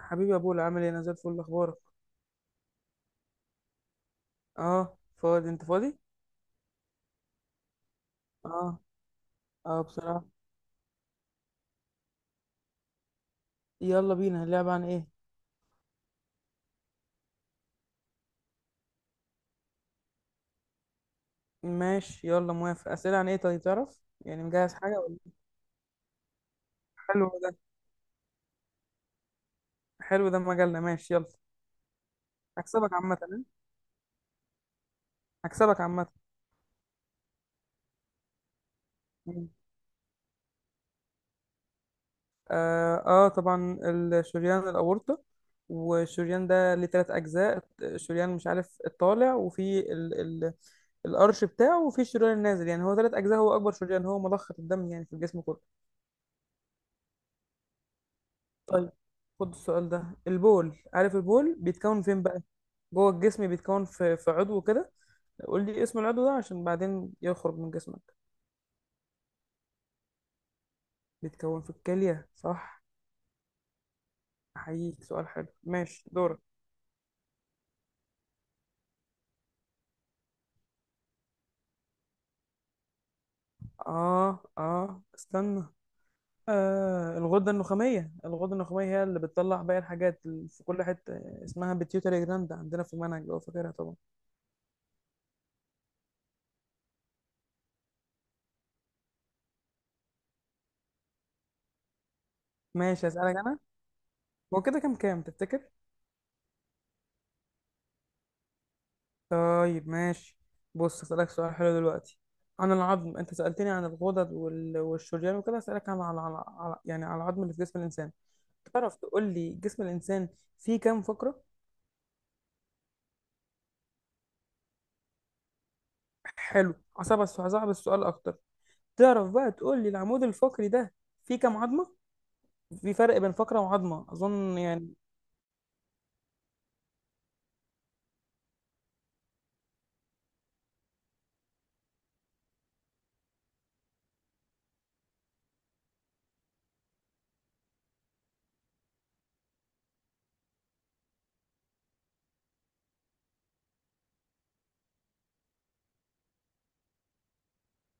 حبيبي يا بولا، عامل ايه؟ انا زي الفل، اخبارك؟ اه، فاضي. انت فاضي؟ اه، اه، بصراحة. يلا بينا، اللعبة عن ايه؟ ماشي، يلا موافق. اسئلة عن ايه؟ طيب تعرف يعني، مجهز حاجة ولا؟ حلو ده. مجلة، ماشي، يلا. هكسبك عامة، ها؟ هكسبك عامة. مم. آه, اه طبعا الشريان الاورطة. والشريان ده ليه تلات اجزاء، الشريان مش عارف الطالع، وفي ال الارش بتاعه، وفي الشريان النازل. يعني هو تلات اجزاء، هو اكبر شريان، هو مضخة الدم يعني في الجسم كله. طيب، خد السؤال ده. البول، عارف البول بيتكون فين بقى؟ جوه الجسم، بيتكون في عضو كده. قول لي اسم العضو ده، عشان بعدين يخرج من جسمك. بيتكون في الكلية، صح. احييك، سؤال حلو، ماشي، دورك. اه، اه، استنى. الغدة النخامية. هي اللي بتطلع باقي الحاجات في كل حتة. اسمها بيتيوتري جراند، عندنا في المنهج لو فاكرها طبعا. ماشي، هسألك انا. هو كده كام كام تفتكر؟ طيب، ماشي. بص، اسألك سؤال حلو دلوقتي، عن العظم. انت سألتني عن الغدد والشريان وكده، اسألك عن يعني على العظم اللي في جسم الانسان. تعرف تقول لي جسم الانسان فيه كام فقرة؟ حلو. هصعب السؤال اكتر. تعرف بقى تقول لي العمود الفقري ده فيه كام عظمة؟ في فرق بين فقرة وعظمة اظن يعني.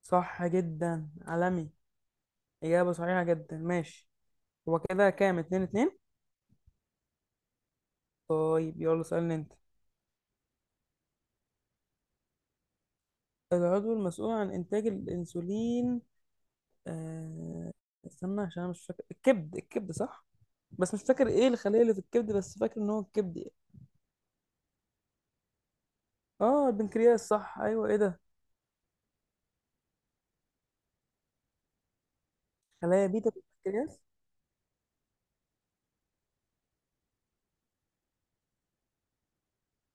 صح جدا، عالمي. اجابة صحيحة جدا، ماشي. هو كده كام، اتنين اتنين. طيب، يلا سألني انت. العضو المسؤول عن انتاج الانسولين. آه، استنى، عشان انا مش فاكر، الكبد، صح. بس مش فاكر ايه الخلايا اللي في الكبد، بس فاكر ان هو الكبد يعني. اه، البنكرياس، صح. ايوه، ايه ده؟ خلايا بيتا في البنكرياس.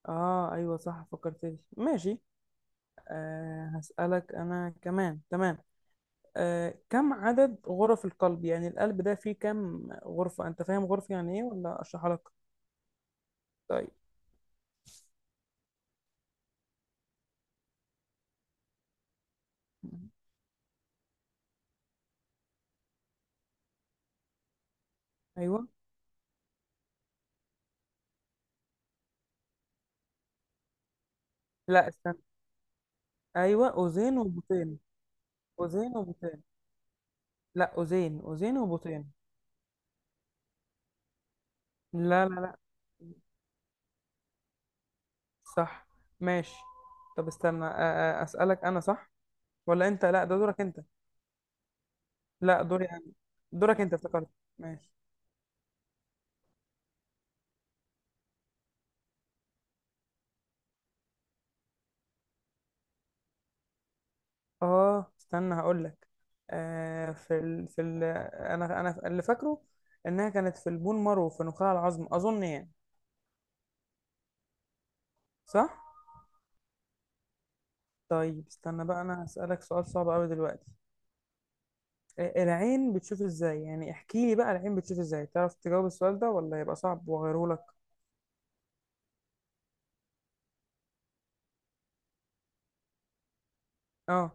اه، ايوه، صح، فكرت لي، ماشي. هسألك انا كمان، تمام. كم عدد غرف القلب؟ يعني القلب ده فيه كم غرفة؟ انت فاهم غرفة يعني ايه ولا اشرحها لك؟ طيب. ايوه. لا، استنى. ايوه، اوزين وبطين. اوزين وبطين. لا، اوزين، اوزين وبطين. لا لا، لا. صح. ماشي. طب استنى، أسألك أنا، صح ولا أنت؟ لا، ده دورك أنت. لا، دوري يعني. دورك أنت، افتكرت. ماشي. استنى هقول لك. في ال. أنا اللي فاكره، إنها كانت في البون مارو، في نخاع العظم أظن يعني. صح. طيب استنى بقى، أنا هسألك سؤال صعب أوي دلوقتي. العين بتشوف إزاي؟ يعني احكي لي بقى، العين بتشوف إزاي؟ تعرف تجاوب السؤال ده ولا يبقى صعب وأغيره لك؟ آه.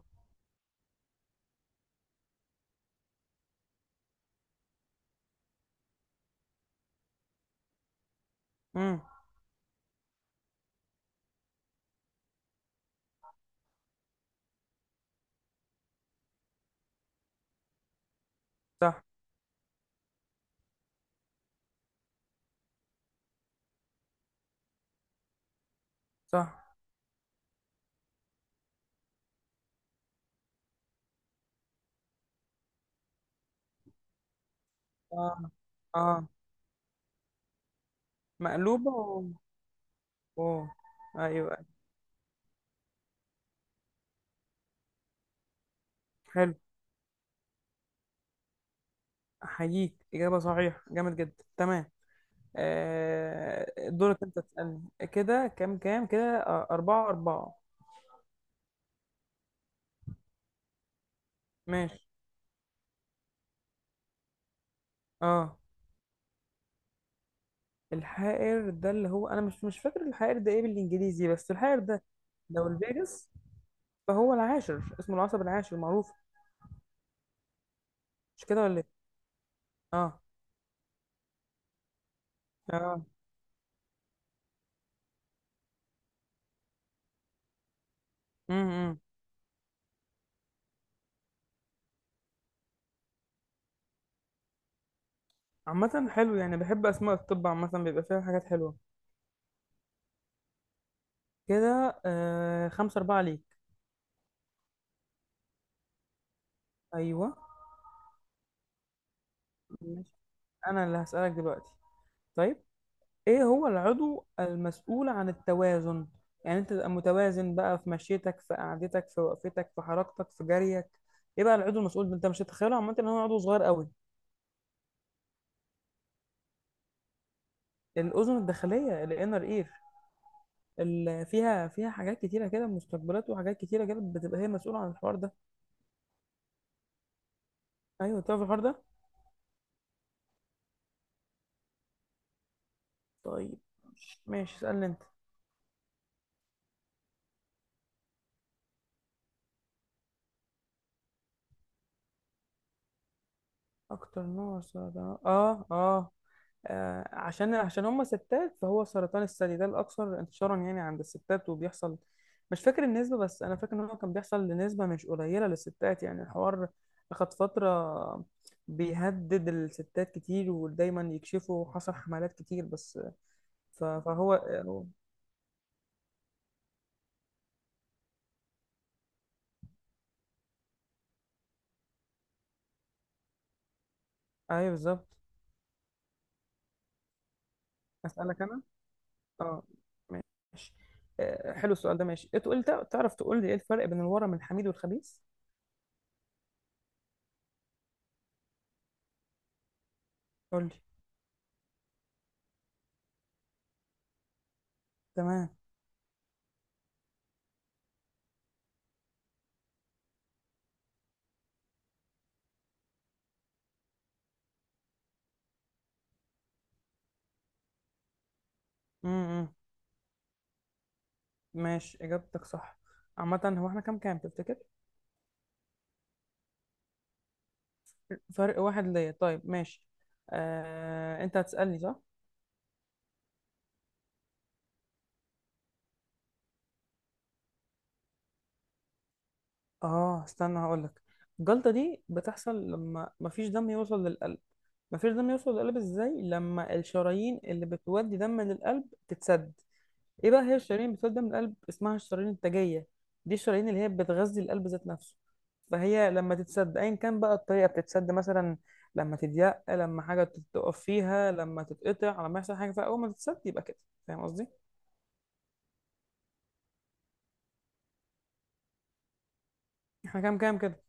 امم. صح. صح. آه. آه. مقلوبة أوه. أيوة. حلو، أحييك، إجابة صحيحة جامد جدا، تمام. دورك أنت تسألني، كده كام كام كده، أربعة أربعة. ماشي. أه. الحائر ده اللي هو، أنا مش فاكر الحائر ده إيه بالإنجليزي، بس الحائر ده، لو الفيجاس، فهو العاشر، اسمه العصب العاشر معروف. مش كده ولا إيه؟ أه. أه. امم. عامة حلو يعني، بحب أسماء الطب عامة، بيبقى فيها حاجات حلوة. كده خمسة أربعة ليك. أيوه. انا اللي هسألك دلوقتي. طيب، ايه هو العضو المسؤول عن التوازن؟ يعني انت تبقى متوازن بقى، في مشيتك، في قعدتك، في وقفتك، في حركتك، في جريك. ايه بقى العضو المسؤول ده؟ انت مش هتتخيله عامه ان هو عضو صغير قوي. الاذن الداخليه، الانر اير، اللي فيها حاجات كتيره كده، مستقبلات وحاجات كتيره كده، بتبقى هي مسؤوله عن الحوار ده. ايوه، تعرف الحوار ده. طيب، ماشي، اسألني انت. اكتر نوع سرطان، عشان هم ستات، فهو سرطان الثدي، ده الأكثر انتشارا يعني عند الستات، وبيحصل. مش فاكر النسبة، بس أنا فاكر إن هو كان بيحصل لنسبة مش قليلة للستات، يعني الحوار أخد فترة. بيهدد الستات كتير، ودايما يكشفوا، حصل حملات كتير بس. ف- فهو هو- أيوه، بالظبط. أسألك أنا؟ أه. ماشي. حلو السؤال ده، ماشي، تعرف تقول لي إيه الفرق بين الورم الحميد والخبيث؟ قول لي. تمام. إمم، إمم. ماشي، إجابتك صح. عامة هو احنا كام كام تفتكر؟ فرق واحد ليا، طيب، ماشي. انت هتسألني صح؟ اه، استنى هقولك. الجلطة دي بتحصل لما مفيش دم يوصل للقلب. مفيش دم يوصل للقلب ازاي؟ لما الشرايين اللي بتودي دم للقلب تتسد. ايه بقى هي الشرايين بتولد دم القلب؟ اسمها الشرايين التاجيه، دي الشرايين اللي هي بتغذي القلب ذات نفسه. فهي لما تتسد، ايا كان بقى الطريقه بتتسد، مثلا لما تضيق، لما حاجه تقف فيها، لما تتقطع، لما يحصل حاجه، فاول ما تتسد يبقى كده. فاهم قصدي. احنا كام كام كده؟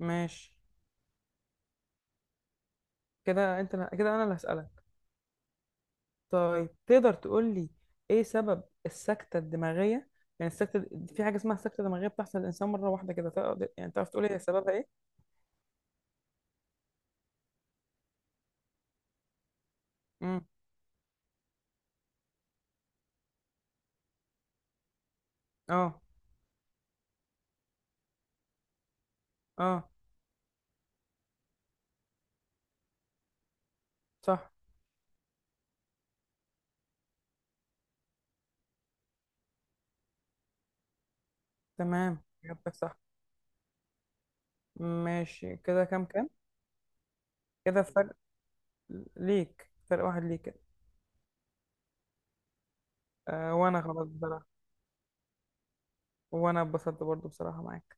ماشي. كده انت، كده انا اللي هسالك. طيب تقدر تقول لي، ايه سبب السكته الدماغيه؟ يعني السكته، في حاجه اسمها سكته دماغيه بتحصل للانسان مره واحده كده، تقدر يعني تعرف تقول ايه سببها، ايه؟ امم. اه. اه. صح. تمام، إجابتك صح. ماشي، كده كام كام كده؟ ليك، فرق واحد ليك كده. أه، وأنا خلاص بصراحة. وأنا اتبسطت برضو بصراحة معاك.